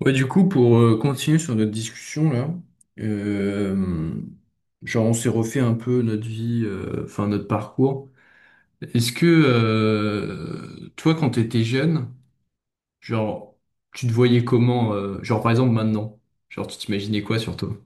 Ouais, du coup, pour Continuer sur notre discussion là, euh, genre on s'est refait un peu notre vie, enfin notre parcours. Est-ce que toi, quand t'étais jeune, genre tu te voyais comment, genre par exemple maintenant, genre tu t'imaginais quoi sur toi?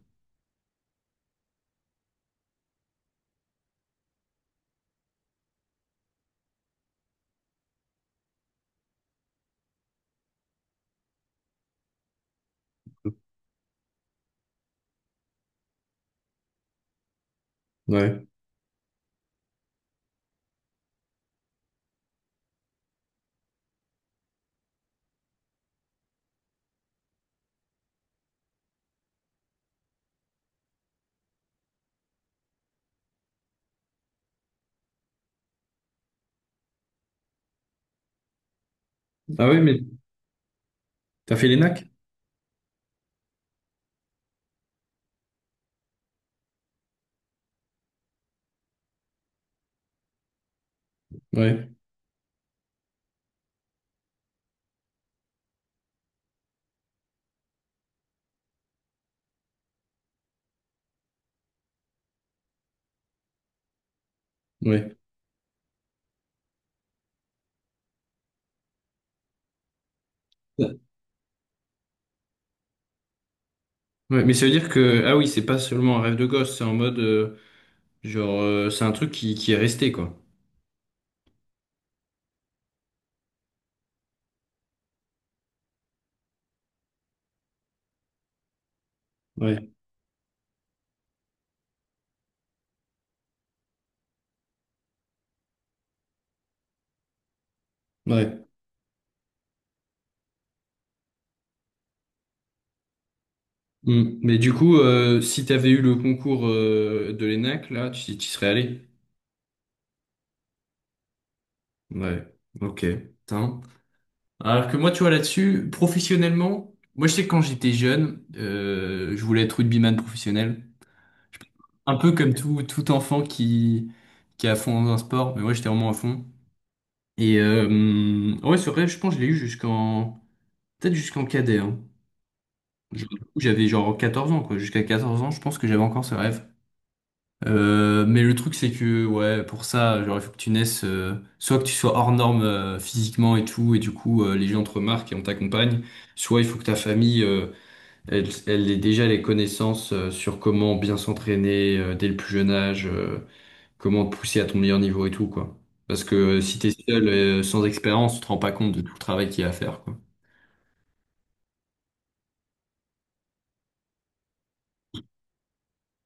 Ouais. Ah ouais, mais t'as fait l'ENAC? Ouais, ouais. Ouais, mais ça veut dire que, ah oui, c'est pas seulement un rêve de gosse, c'est en mode, c'est un truc qui est resté, quoi. Ouais, ouais. Mm. Mais du coup, si t'avais eu le concours de l'ENAC, là, tu serais allé. Ouais, ok. Putain. Alors que moi, tu vois, là-dessus, professionnellement, moi, je sais que quand j'étais jeune, je voulais être rugbyman professionnel. Un peu comme tout enfant qui est à fond dans un sport, mais moi, j'étais vraiment à fond. Et ouais, c'est vrai, je pense que je l'ai eu jusqu'en... Peut-être jusqu'en cadet, hein. Genre, J'avais genre 14 ans, quoi. Jusqu'à 14 ans, je pense que j'avais encore ce rêve. Mais le truc c'est que ouais pour ça genre il faut que tu naisses soit que tu sois hors norme physiquement et tout et du coup les gens te remarquent et on t'accompagne, soit il faut que ta famille elle ait déjà les connaissances sur comment bien s'entraîner dès le plus jeune âge, comment te pousser à ton meilleur niveau et tout quoi, parce que si t'es seul sans expérience tu te rends pas compte de tout le travail qu'il y a à faire quoi.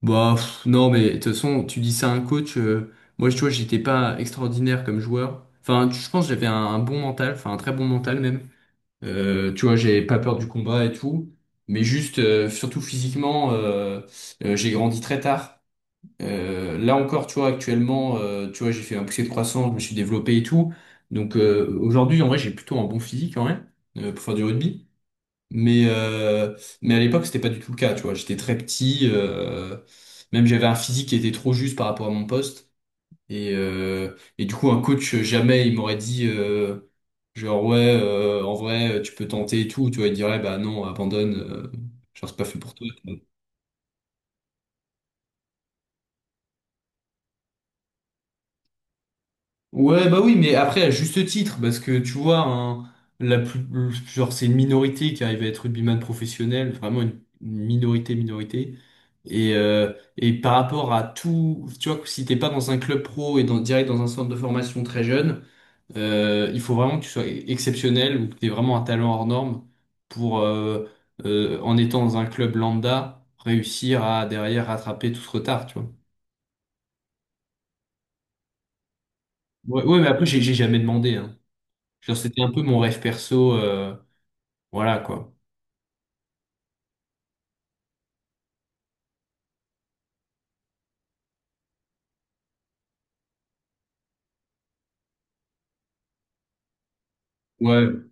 Bah, pff, non, mais de toute façon, tu dis ça à un coach. Moi, tu vois, j'étais pas extraordinaire comme joueur. Enfin, je pense que j'avais un bon mental, enfin un très bon mental même. Tu vois, j'avais pas peur du combat et tout. Mais juste, surtout physiquement, j'ai grandi très tard. Là encore, tu vois, actuellement, tu vois, j'ai fait un poussé de croissance, je me suis développé et tout. Donc aujourd'hui, en vrai, j'ai plutôt un bon physique, en vrai, pour faire du rugby. Mais, euh, mais à l'époque, c'était pas du tout le cas, tu vois. J'étais très petit, même j'avais un physique qui était trop juste par rapport à mon poste. Et du coup, un coach, jamais il m'aurait dit, genre, ouais, en vrai, tu peux tenter et tout. Tu vois, il dirait, bah non, abandonne, genre, c'est pas fait pour toi. Ouais, bah oui, mais après, à juste titre, parce que tu vois, hein, la plus, genre, c'est une minorité qui arrive à être rugbyman professionnel, vraiment une minorité, minorité. Et par rapport à tout, tu vois, que si t'es pas dans un club pro et dans, direct dans un centre de formation très jeune, il faut vraiment que tu sois exceptionnel ou que t'aies vraiment un talent hors norme pour, en étant dans un club lambda, réussir à derrière rattraper tout ce retard, tu vois. Ouais, ouais, mais après, j'ai jamais demandé, hein. Genre, c'était un peu mon rêve perso, voilà quoi. Ouais.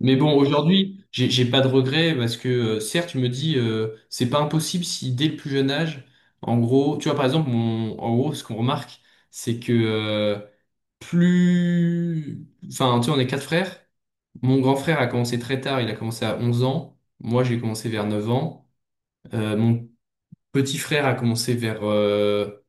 Mais bon, ouais, aujourd'hui, j'ai pas de regrets parce que certes, je me dis, c'est pas impossible si dès le plus jeune âge, en gros, tu vois, par exemple, en gros, ce qu'on remarque, c'est que plus. Enfin, tu vois, on est quatre frères. Mon grand frère a commencé très tard, il a commencé à 11 ans. Moi, j'ai commencé vers 9 ans. Mon petit frère a commencé vers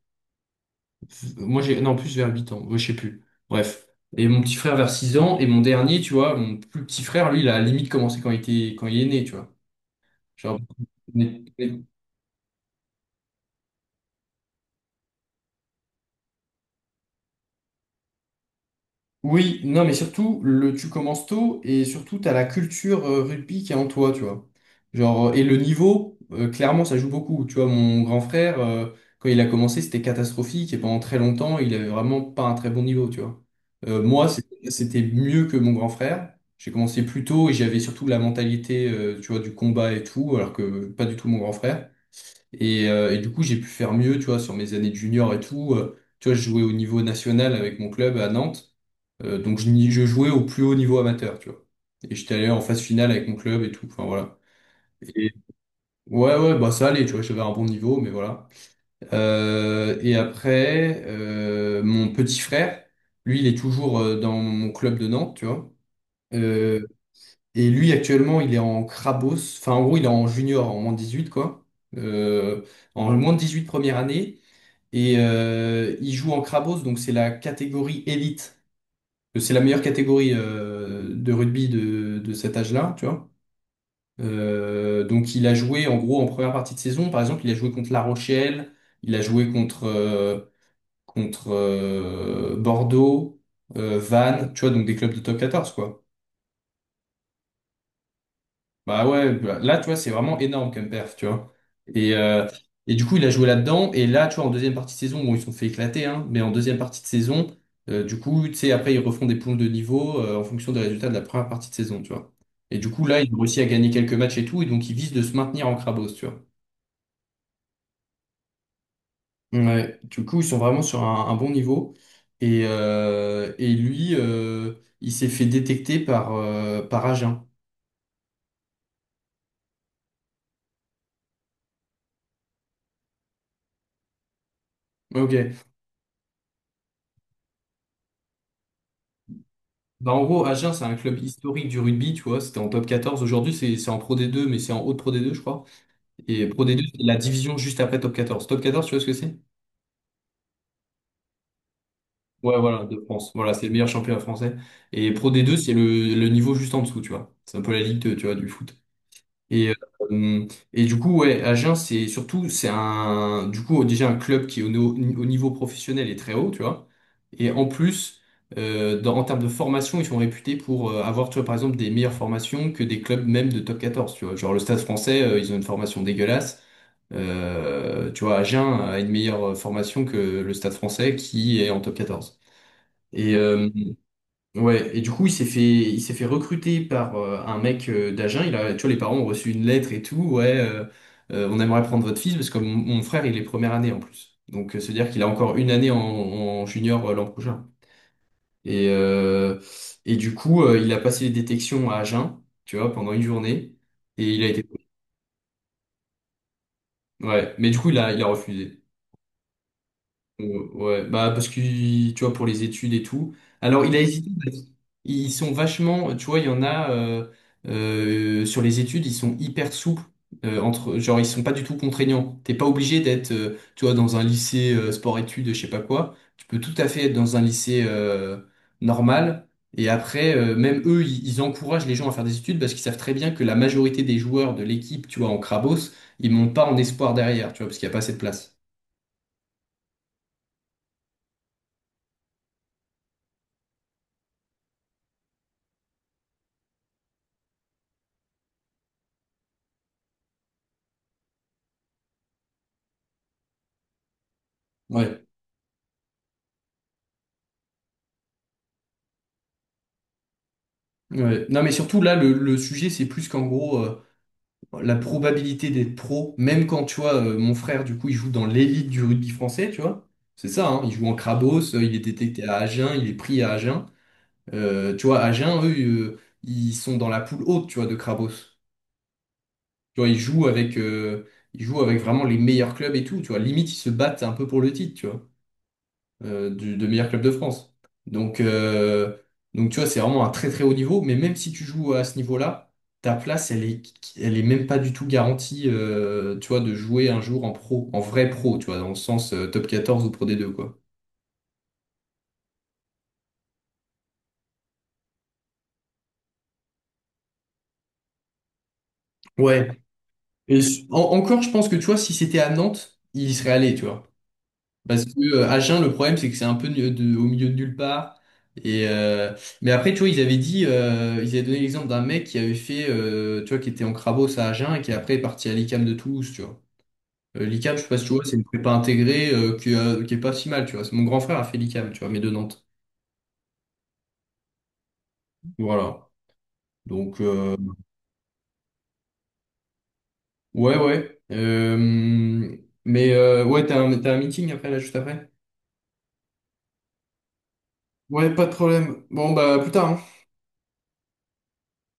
moi, j'ai, non, en plus vers 8 ans, moi, je sais plus. Bref. Et mon petit frère vers 6 ans, et mon dernier, tu vois, mon plus petit frère, lui, il a limite commencé quand il était, quand il est né, tu vois. Genre, oui, non, mais surtout, tu commences tôt et surtout, tu as la culture rugby qui est en toi, tu vois. Genre, et le niveau, clairement, ça joue beaucoup. Tu vois, mon grand frère, quand il a commencé, c'était catastrophique et pendant très longtemps, il avait vraiment pas un très bon niveau, tu vois. Moi, c'était mieux que mon grand frère. J'ai commencé plus tôt et j'avais surtout la mentalité, tu vois, du combat et tout, alors que pas du tout mon grand frère. Et du coup, j'ai pu faire mieux, tu vois, sur mes années de junior et tout. Tu vois, je jouais au niveau national avec mon club à Nantes. Donc, je jouais au plus haut niveau amateur, tu vois. Et j'étais allé en phase finale avec mon club et tout. Enfin, voilà. Et ouais, ouais, bah ça allait, tu vois, j'avais un bon niveau, mais voilà. Et après, mon petit frère, lui, il est toujours dans mon club de Nantes, tu vois. Euh, et lui, actuellement, il est en Crabos. Enfin, en gros, il est en junior, en moins de 18 quoi. Euh, en moins de 18 première année. Et il joue en Krabos, donc c'est la catégorie élite. C'est la meilleure catégorie de rugby de cet âge-là, tu vois. Donc il a joué en gros en première partie de saison, par exemple, il a joué contre La Rochelle, il a joué contre Bordeaux, Vannes, tu vois, donc des clubs de top 14, quoi. Bah ouais, bah là, tu vois, c'est vraiment énorme comme perf, tu vois. Et, euh, et du coup, il a joué là-dedans. Et là, tu vois, en deuxième partie de saison, bon, ils se sont fait éclater, hein, mais en deuxième partie de saison, du coup, tu sais, après, ils refont des poules de niveau en fonction des résultats de la première partie de saison, tu vois. Et du coup, là, ils ont réussi à gagner quelques matchs et tout, et donc ils visent de se maintenir en Crabos, tu vois. Ouais, du coup, ils sont vraiment sur un bon niveau. Et il s'est fait détecter par Agen. Ok. Bah, en gros, Agen, c'est un club historique du rugby, tu vois. C'était en Top 14. Aujourd'hui, c'est en Pro D2 mais c'est en haute Pro D2 je crois. Et Pro D2 c'est la division juste après Top 14. Top 14 tu vois ce que c'est? Ouais, voilà, de France. Voilà, c'est le meilleur championnat français. Et Pro d deux c'est le niveau juste en dessous, tu vois. C'est un peu la Ligue 2, tu vois, du foot. Et, euh, et du coup, ouais, Agen, c'est surtout, c'est un, du coup, déjà un club qui, au, no- au niveau professionnel, est très haut, tu vois. Et en plus, en termes de formation, ils sont réputés pour avoir, tu vois, par exemple, des meilleures formations que des clubs même de Top 14 tu vois. Genre le Stade français, ils ont une formation dégueulasse. Tu vois, Agen a une meilleure formation que le Stade français qui est en Top 14. Et, euh, Ouais, et du coup, il s'est fait recruter par un mec d'Agen. Il a, tu vois, les parents ont reçu une lettre et tout. Ouais, on aimerait prendre votre fils parce que mon frère, il est première année en plus. Donc, se dire qu'il a encore une année en junior l'an prochain. Et, euh, et du coup, il a passé les détections à Agen, tu vois, pendant une journée. Et il a été. Ouais, mais du coup, il a refusé. Ouais, bah, parce que, tu vois, pour les études et tout. Alors, il a hésité. Ils sont vachement, tu vois, il y en a sur les études, ils sont hyper souples. Entre, genre, ils sont pas du tout contraignants. T'es pas obligé d'être, tu vois, dans un lycée sport-études, je sais pas quoi. Tu peux tout à fait être dans un lycée normal. Et après, même eux, ils encouragent les gens à faire des études parce qu'ils savent très bien que la majorité des joueurs de l'équipe, tu vois, en Crabos, ils montent pas en espoir derrière, tu vois, parce qu'il y a pas assez de place. Ouais. Ouais. Non, mais surtout là, le sujet, c'est plus qu'en gros. La probabilité d'être pro, même quand tu vois, mon frère, du coup, il joue dans l'élite du rugby français, tu vois. C'est ça, hein, il joue en Crabos, il est détecté à Agen, il est pris à Agen. Tu vois, Agen, eux, ils sont dans la poule haute, tu vois, de Crabos. Tu vois, ils jouent avec vraiment les meilleurs clubs et tout, tu vois. Limite, ils se battent un peu pour le titre, tu vois de meilleur club de France. Donc, euh, donc tu vois, c'est vraiment un très très haut niveau, mais même si tu joues à ce niveau-là, ta place, elle est même pas du tout garantie, tu vois, de jouer un jour en pro, en vrai pro, tu vois, dans le sens Top 14 ou Pro D2, quoi. Ouais. Encore, je pense que tu vois, si c'était à Nantes, il y serait allé, tu vois. Parce que Agen, le problème, c'est que c'est un peu au milieu de nulle part. Et euh, mais après, tu vois, ils avaient dit, ils avaient donné l'exemple d'un mec qui avait fait, tu vois, qui était en Crabos à Agen et qui après est parti à l'ICAM de Toulouse, tu vois. l'ICAM, je sais pas si tu vois, c'est une prépa intégrée qui est pas si mal, tu vois. C'est mon grand frère a fait l'ICAM, tu vois, mais de Nantes. Voilà. Donc, ouais, ouais. Mais ouais, t'as un meeting après, là, juste après? Ouais, pas de problème. Bon, bah, à plus tard, hein.